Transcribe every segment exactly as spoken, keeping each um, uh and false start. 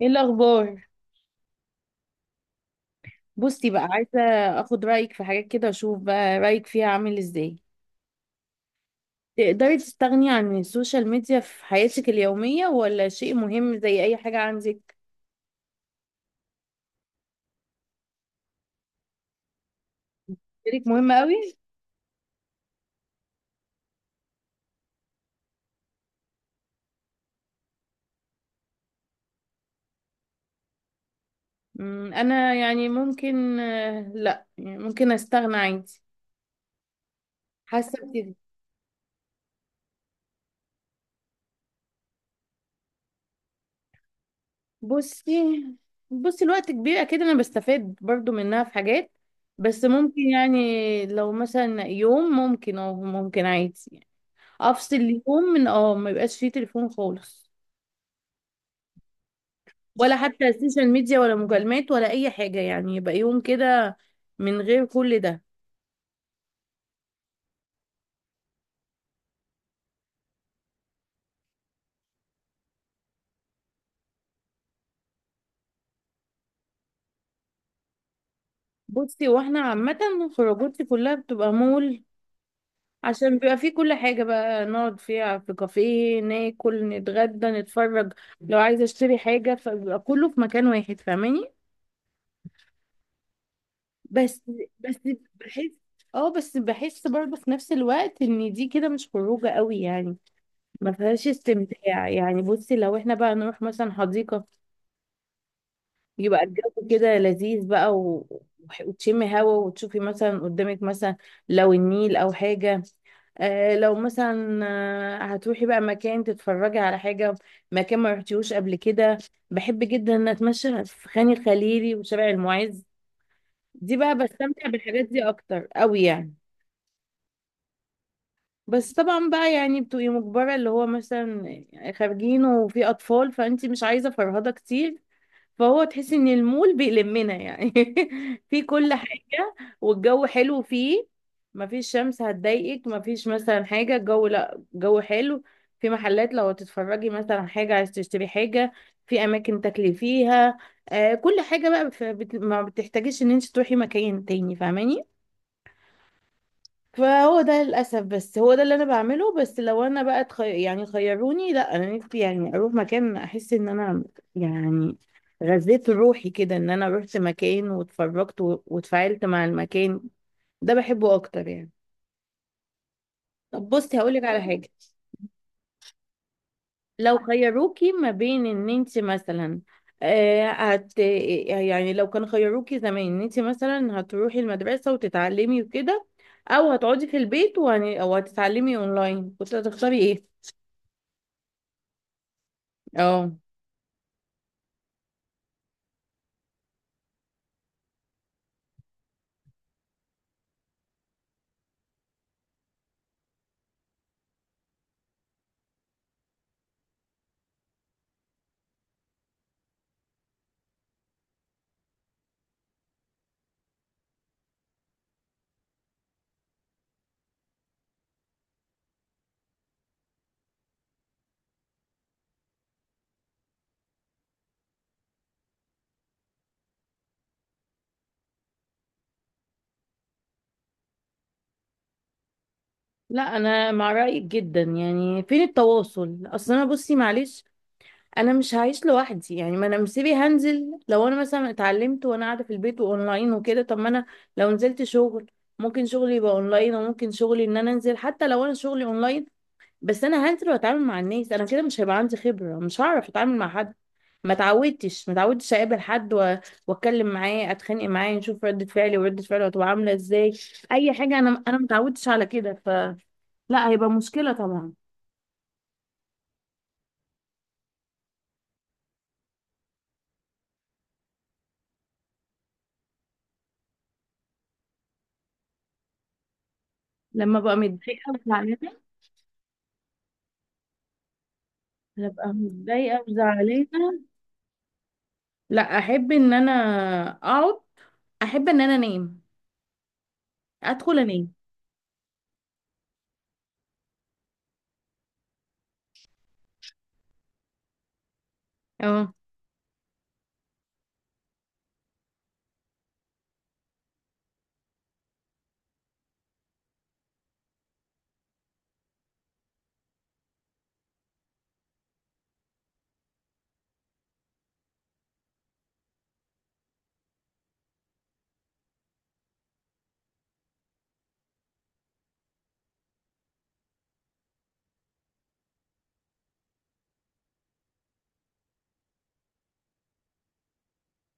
ايه الاخبار؟ بصي بقى، عايزه اخد رايك في حاجات كده، اشوف بقى رايك فيها عامل ازاي. تقدري تستغني عن السوشيال ميديا في حياتك اليوميه، ولا شيء مهم زي اي حاجه عندك؟ شريك مهم قوي. أمم، انا يعني ممكن، آه، لا يعني ممكن استغنى عادي. حاسه بكده. بصي بصي الوقت كبير اكيد، انا بستفاد برضو منها في حاجات. بس ممكن، يعني لو مثلا يوم، ممكن او ممكن عادي يعني. افصل اليوم من اه ما يبقاش فيه تليفون خالص، ولا حتى السوشيال ميديا ولا مكالمات ولا اي حاجه، يعني يبقى يوم كده من غير كل ده. بصي، واحنا عامه خروجاتي كلها بتبقى مول، عشان بيبقى فيه كل حاجه بقى، نقعد فيها في كافيه ناكل نتغدى نتفرج، لو عايزه اشتري حاجه فبيبقى كله في مكان واحد، فاهماني؟ بس. بس. بحس. اه، بس بحس برضه في نفس الوقت ان دي كده مش خروجه قوي يعني، ما فيهاش استمتاع. يعني بصي، لو احنا بقى نروح مثلا حديقة، يبقى الجو كده لذيذ بقى، و... وح- وتشمي هوا وتشوفي مثلا قدامك، مثلا لو النيل او حاجة. آه لو مثلا، آه، هتروحي بقى مكان تتفرجي على حاجة، مكان ما رحتيهوش قبل كده. بحب جدا ان اتمشى في خان الخليلي وشارع المعز، دي بقى بستمتع بالحاجات دي اكتر قوي يعني. بس طبعا بقى يعني بتبقي مجبرة، اللي هو مثلا خارجين وفي أطفال فأنت مش عايزة فرهدة كتير، فهو تحسي إن المول بيلمنا يعني، في كل حاجة، والجو حلو فيه، مفيش شمس هتضايقك، مفيش مثلا حاجة، الجو لأ جو حلو، في محلات لو تتفرجي مثلا على حاجة عايز تشتري حاجة، في أماكن تاكلي فيها، آه كل حاجة بقى، ف- بت- ما بتحتاجيش إن أنت تروحي مكان تاني، فاهماني؟ فهو ده للأسف، بس هو ده اللي أنا بعمله. بس لو أنا بقى تخي... يعني خيروني، لا أنا نفسي يعني أروح مكان أحس إن أنا، يعني غذيت روحي كده، إن أنا رحت مكان واتفرجت و... واتفاعلت مع المكان، ده بحبه أكتر يعني. طب بصي، هقولك على حاجة. لو خيروكي ما بين إن أنت مثلا، آه هت... يعني لو كان خيروكي زمان إن أنت مثلا هتروحي المدرسة وتتعلمي وكده، أو هتقعدي في البيت وهن... أو هتتعلمي أونلاين، كنت هتختاري إيه؟ اه، لا انا مع رايك جدا، يعني فين التواصل؟ اصل انا بصي معلش، انا مش هعيش لوحدي يعني، ما انا مسيبي هنزل، لو انا مثلا اتعلمت وانا قاعده في البيت واونلاين وكده، طب ما انا لو نزلت شغل، ممكن شغلي يبقى اونلاين، وممكن شغلي ان انا انزل، حتى لو انا شغلي اونلاين، بس انا هنزل واتعامل مع الناس، انا كده مش هيبقى عندي خبره، مش هعرف اتعامل مع حد، ما اتعودتش ما اتعودتش اقابل حد و- واتكلم معاه، اتخانق معاه، نشوف ردة فعلي وردة فعله هتبقى عاملة ازاي، اي حاجة، انا انا ما اتعودتش على كده ف. لا، هيبقى مشكلة طبعا. لما ببقى متضايقة وزعلانة، ببقى متضايقة وزعلانة، لا، احب ان انا اقعد، احب ان انا انام، ادخل انام. اه،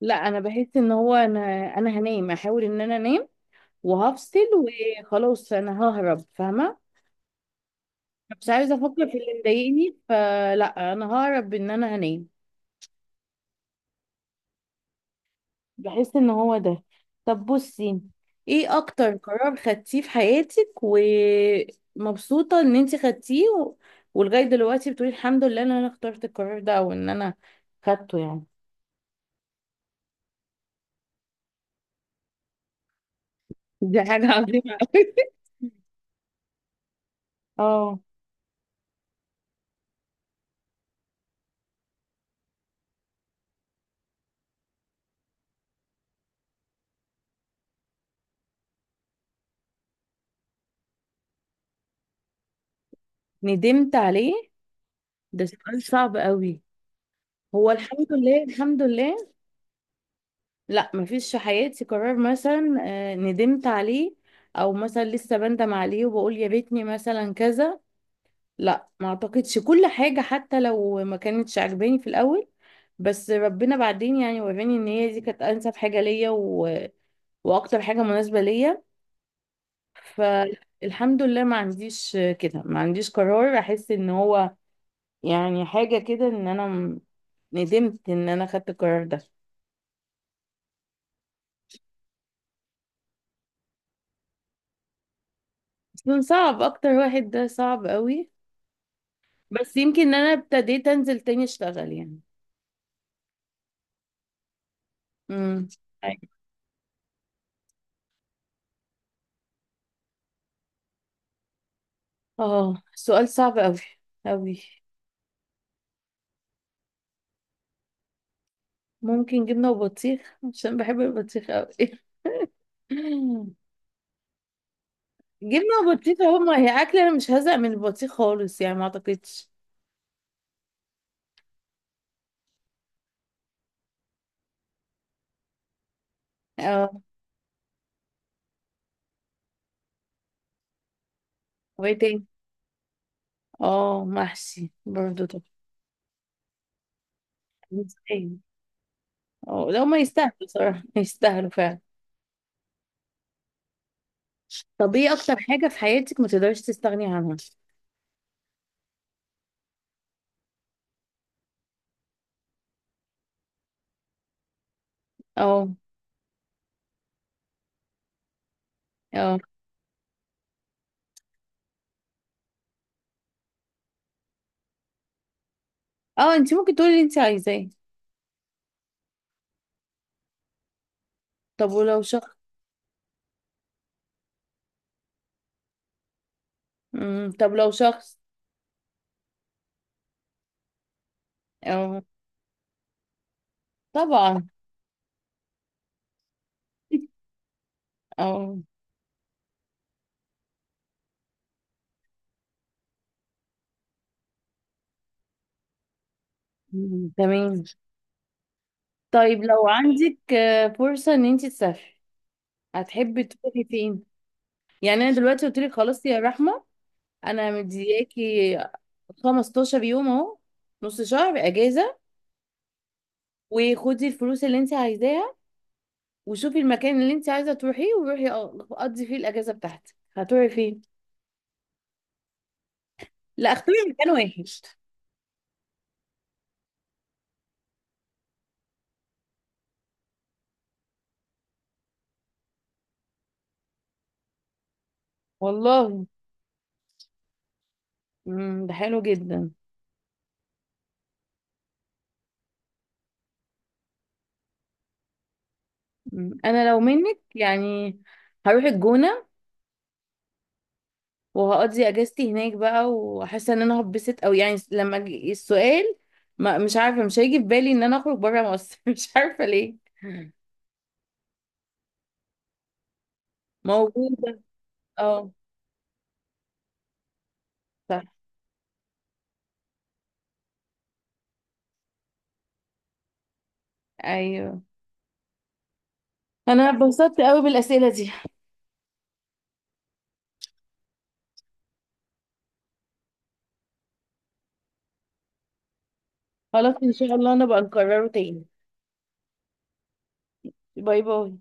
لا انا بحس ان هو، انا انا هنام، احاول ان انا انام وهفصل، وخلاص انا ههرب، فاهمة؟ مش عايزه افكر في اللي مضايقني، فلا انا ههرب ان انا هنام، بحس ان هو ده. طب بصي، ايه اكتر قرار خدتيه في حياتك ومبسوطه ان انت خدتيه، و... ولغايه دلوقتي بتقولي الحمد لله ان انا اخترت القرار ده، او ان انا خدته يعني؟ دي حاجه عظيمه قوي. اه، ندمت عليه؟ ده سؤال صعب قوي. هو الحمد لله، الحمد لله. لا، مفيش في حياتي قرار مثلا آه، ندمت عليه، او مثلا لسه بندم عليه وبقول يا ريتني مثلا كذا. لا ما اعتقدش، كل حاجة حتى لو ما كانتش عجباني في الاول، بس ربنا بعدين يعني وراني ان هي دي كانت انسب حاجة ليا و... واكتر حاجة مناسبة ليا. فالحمد لله ما عنديش كده، ما عنديش قرار احس ان هو يعني حاجة كده، ان انا م- ندمت ان انا خدت القرار ده. اصلا صعب، اكتر واحد ده صعب قوي، بس يمكن ان انا ابتديت انزل تاني اشتغل يعني. امم أيوة. اه، سؤال صعب قوي قوي. ممكن جبنة وبطيخ عشان بحب البطيخ قوي. جبنة وبطيخ اهو، ما هي اكلة، انا مش هزهق من البطيخ خالص يعني ما اعتقدش. اه، وايه تاني؟ اه، محشي برضه. طب، يستاهل. اه، لو ما يستاهلوا صراحة، يستاهلوا فعلا. طب ايه اكتر حاجة في حياتك ما تقدرش تستغني عنها؟ اه، اه، اه، انت ممكن تقولي اللي انت عايزاه. طب ولو شخص؟ مم. طب لو شخص؟ اه، طبعا. اه. مم. تمام. طيب لو عندك آه، فرصة ان انت تسافري، هتحبي تروحي فين؟ يعني انا دلوقتي قلت لك خلاص يا رحمة، انا مدياكي 15 يوم اهو، نص شهر اجازة، وخدي الفلوس اللي انت عايزاها، وشوفي المكان اللي انت عايزة تروحيه، وروحي أ- قضي فيه الاجازة بتاعتك، هتروحي فين؟ لا، اختاري مكان واحد. والله. مم. ده حلو جدا. مم. انا لو منك يعني هروح الجونة، وهقضي اجازتي هناك بقى، وحاسة ان انا هتبسط، او يعني لما أجي- السؤال، ما مش عارفة مش هيجي في بالي ان انا اخرج بره مصر، مش عارفة ليه. موجودة. اه. صح. ايوه. انا اتبسطت قوي بالاسئلة دي، خلاص ان شاء الله انا بقى نكرره تاني. باي باي.